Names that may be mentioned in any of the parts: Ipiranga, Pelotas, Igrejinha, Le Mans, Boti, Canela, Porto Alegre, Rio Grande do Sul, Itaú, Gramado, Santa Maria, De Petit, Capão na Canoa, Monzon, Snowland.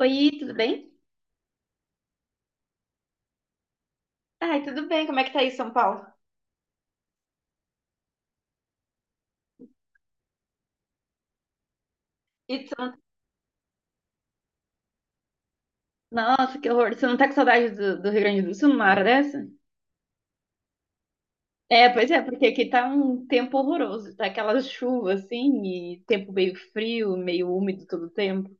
Oi, tudo bem? Ai, tudo bem, como é que tá aí, São Paulo? E tu não- Nossa, que horror. Você não tá com saudade do Rio Grande do Sul numa hora dessa? É, pois é, porque aqui tá um tempo horroroso, tá aquelas chuvas assim, e tempo meio frio, meio úmido todo o tempo.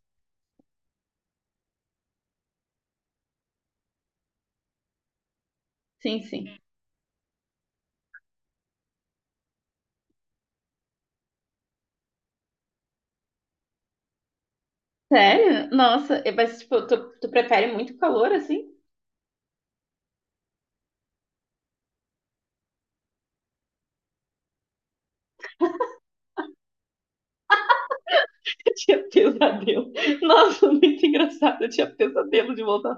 Sim, sim. Sério? Nossa, é, mas tipo, tu prefere muito calor assim? Eu tinha pesadelo. Nossa, muito engraçado, eu tinha pesadelo de voltar.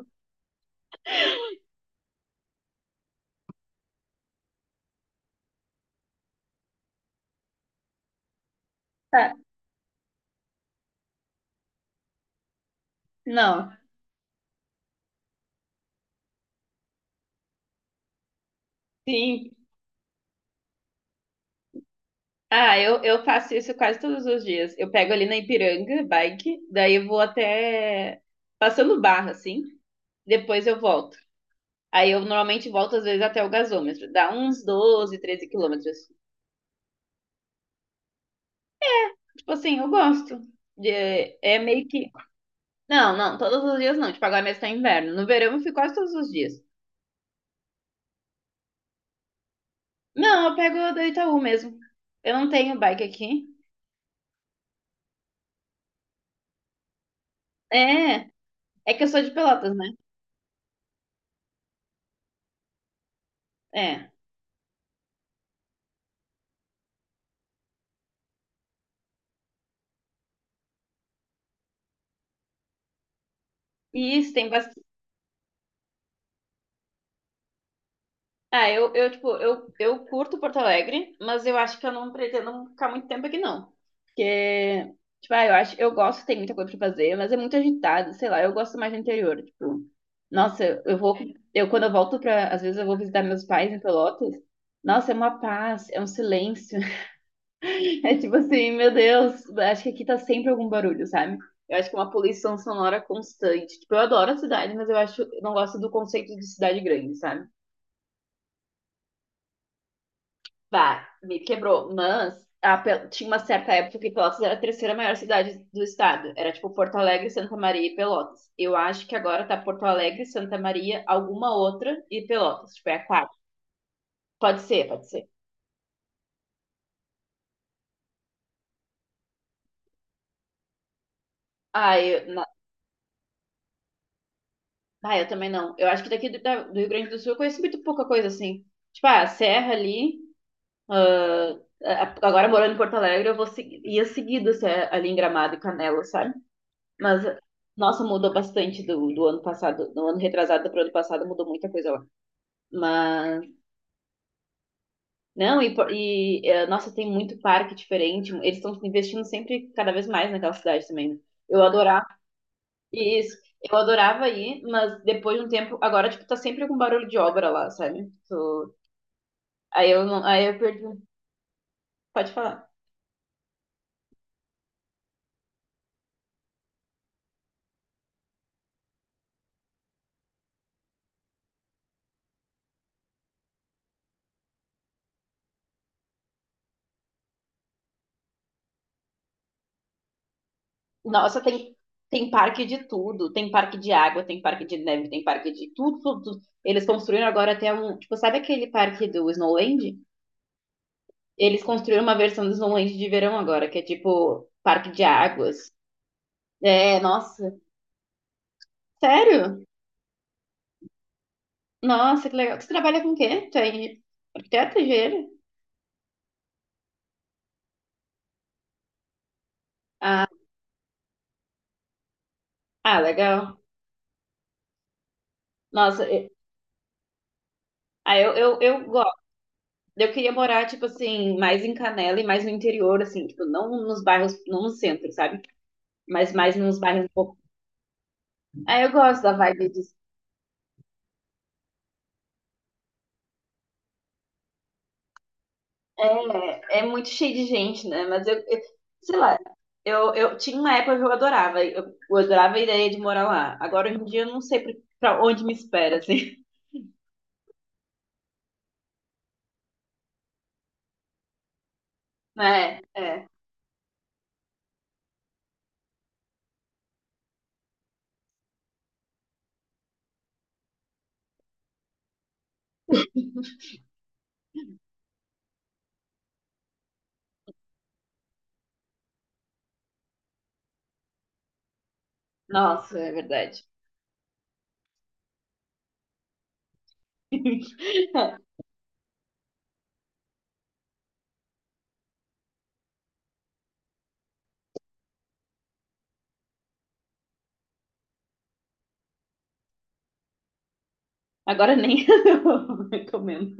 Ah, não, sim, ah, eu faço isso quase todos os dias. Eu pego ali na Ipiranga, bike, daí eu vou até passando barra, assim, depois eu volto. Aí eu normalmente volto às vezes até o gasômetro, dá uns 12, 13 quilômetros. Tipo assim, eu gosto. É meio que. Não, não, todos os dias não. Tipo, agora mesmo tá inverno. No verão eu fico quase todos os dias. Não, eu pego a do Itaú mesmo. Eu não tenho bike aqui. É, é que eu sou de Pelotas, né? É. E isso tem, bas- Ah, eu, tipo, eu curto Porto Alegre, mas eu acho que eu não pretendo ficar muito tempo aqui, não. Porque, tipo, ah, eu acho, eu gosto, tem muita coisa pra fazer, mas é muito agitado, sei lá, eu gosto mais do interior, tipo, nossa, eu vou, eu quando eu volto pra, às vezes eu vou visitar meus pais em Pelotas, nossa, é uma paz, é um silêncio, é tipo assim, meu Deus, acho que aqui tá sempre algum barulho, sabe? Eu acho que é uma poluição sonora constante, tipo, eu adoro a cidade, mas eu acho, eu não gosto do conceito de cidade grande, sabe? Bah, me quebrou. Mas a Pel- tinha uma certa época que Pelotas era a terceira maior cidade do estado. Era tipo Porto Alegre, Santa Maria e Pelotas. Eu acho que agora tá Porto Alegre, Santa Maria, alguma outra e Pelotas. Tipo, é a quarta. Pode ser, pode ser. Ah, eu, na- ah, eu também não. Eu acho que daqui do, da- do Rio Grande do Sul eu conheço muito pouca coisa assim. Tipo, ah, a Serra ali. Ah, a- agora morando em Porto Alegre, eu vou seguir, ia seguido assim, ali em Gramado e Canela, sabe? Mas, nossa, mudou bastante do ano passado, do ano retrasado para o ano passado, mudou muita coisa lá. Mas, não, e, por- nossa, tem muito parque diferente. Eles estão investindo sempre cada vez mais naquela cidade também, né? Eu adorava isso. Eu adorava ir, mas depois de um tempo, agora, tipo, tá sempre com barulho de obra lá, sabe? Tu- Aí eu não, aí eu perdi. Pode falar. Nossa, tem parque de tudo. Tem parque de água, tem parque de neve, tem parque de tudo, tudo, tudo. Eles construíram agora até um. Tipo, sabe aquele parque do Snowland? Eles construíram uma versão do Snowland de verão agora, que é tipo parque de águas. É, nossa. Sério? Nossa, que legal. Você trabalha com o quê? Tu é arquiteto, engenheiro? Ah, ah, legal. Nossa, eu- ah, eu gosto. Eu queria morar, tipo assim, mais em Canela e mais no interior, assim, tipo, não nos bairros, não no centro, sabe? Mas mais nos bairros um. Ah, eu gosto da vibe disso. É, é muito cheio de gente, né? Mas eu- sei lá, eu tinha uma época que eu adorava, eu adorava a ideia de morar lá. Agora, hoje em dia, eu não sei pra onde me espera, assim. É, é. Nossa, é verdade. Agora nem eu recomendo.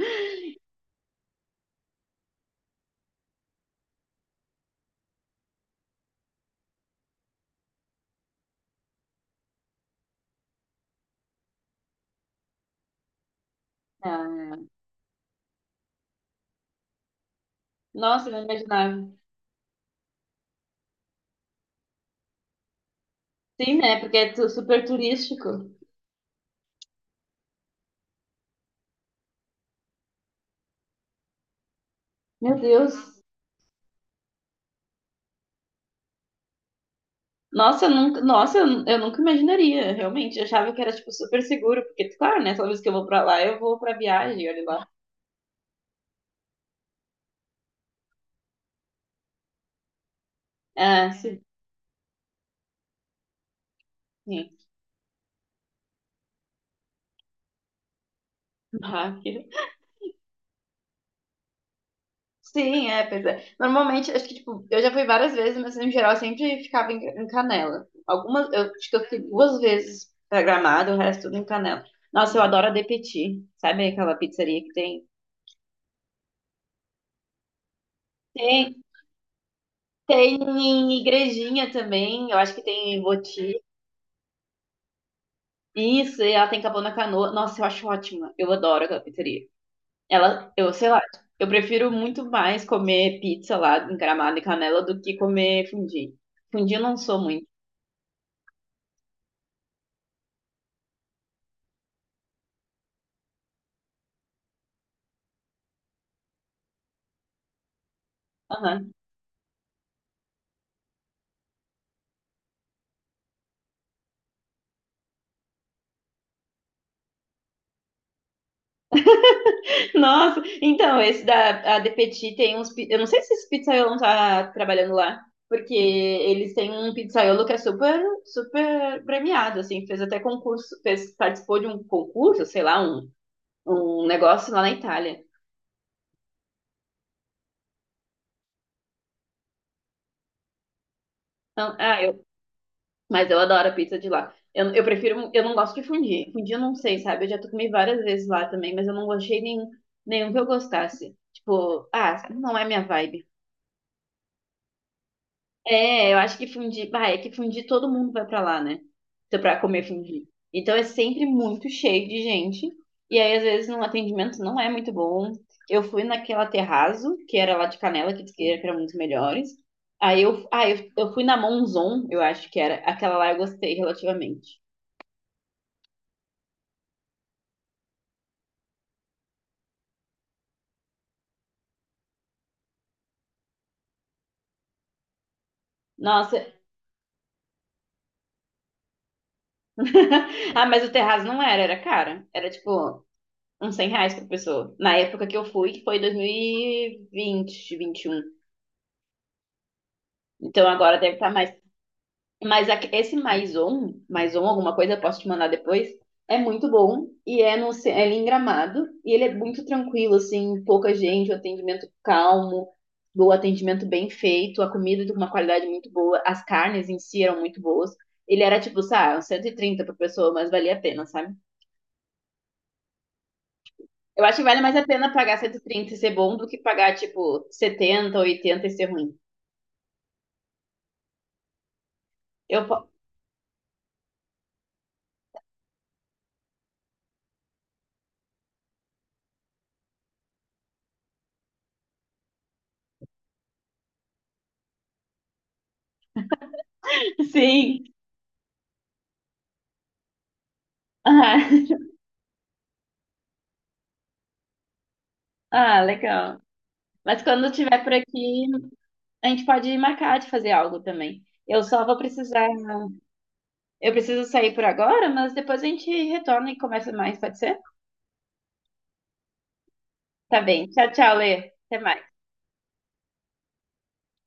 Ah, nossa, eu não imaginava. Sim, né? Porque é tu- super turístico. Meu Deus. Nossa, eu nunca, nossa, eu nunca imaginaria, realmente. Eu achava que era, tipo, super seguro, porque, claro, né, toda vez que eu vou pra lá, eu vou pra viagem, olha lá. Ah, sim, sim. Ah, que- Sim, é, pois é. Normalmente, acho que, tipo, eu já fui várias vezes, mas, em geral, eu sempre ficava em Canela. Algumas, eu acho que eu fui duas vezes pra Gramado, o resto tudo em Canela. Nossa, eu adoro a De Petit, sabe aquela pizzaria que tem? Tem, tem em Igrejinha também, eu acho que tem em Boti. Isso, e ela tem Capão na Canoa. Nossa, eu acho ótima. Eu adoro aquela pizzaria. Ela, eu sei lá, eu prefiro muito mais comer pizza lá encaramada e canela do que comer fundi. Fundi eu não sou muito. Aham. Nossa, então, esse da a De Petit tem uns. Pi- Eu não sei se esse pizzaiolo não tá trabalhando lá, porque eles têm um pizzaiolo que é super, super premiado, assim, fez até concurso, fez, participou de um concurso, sei lá, um negócio lá na Itália. Então, ah, mas eu adoro a pizza de lá. Eu prefiro, eu não gosto de fundir. Fundir eu não sei, sabe? Eu já tô comi várias vezes lá também, mas eu não gostei nenhum, nenhum que eu gostasse. Tipo, ah, não é minha vibe. É, eu acho que fundir, bah, é que fundir todo mundo vai pra lá, né? Então, pra comer fundir. Então é sempre muito cheio de gente. E aí, às vezes, no atendimento não é muito bom. Eu fui naquela terrazzo, que era lá de Canela, que diz que era muito melhores. Aí eu fui na Monzon, eu acho que era. Aquela lá eu gostei relativamente. Nossa. Ah, mas o terraço não era, era cara. Era tipo uns R$ 100 por pessoa. Na época que eu fui, que foi 2020, 21. Então agora deve estar mais. Mas aque- esse mais um, alguma coisa, eu posso te mandar depois. É muito bom e é no ce- é ali em Gramado e ele é muito tranquilo, assim, pouca gente, o atendimento calmo, o atendimento bem feito, a comida de uma qualidade muito boa, as carnes em si eram muito boas. Ele era tipo, sabe, uns 130 por pessoa, mas valia a pena, sabe? Eu acho que vale mais a pena pagar 130 e ser bom do que pagar, tipo, 70, 80 e ser ruim. Eu, po- sim. Ah, ah, legal. Mas quando eu estiver por aqui, a gente pode marcar de fazer algo também. Eu só vou precisar. Eu preciso sair por agora, mas depois a gente retorna e conversa mais, pode ser? Tá bem. Tchau, tchau, Lê. Até mais.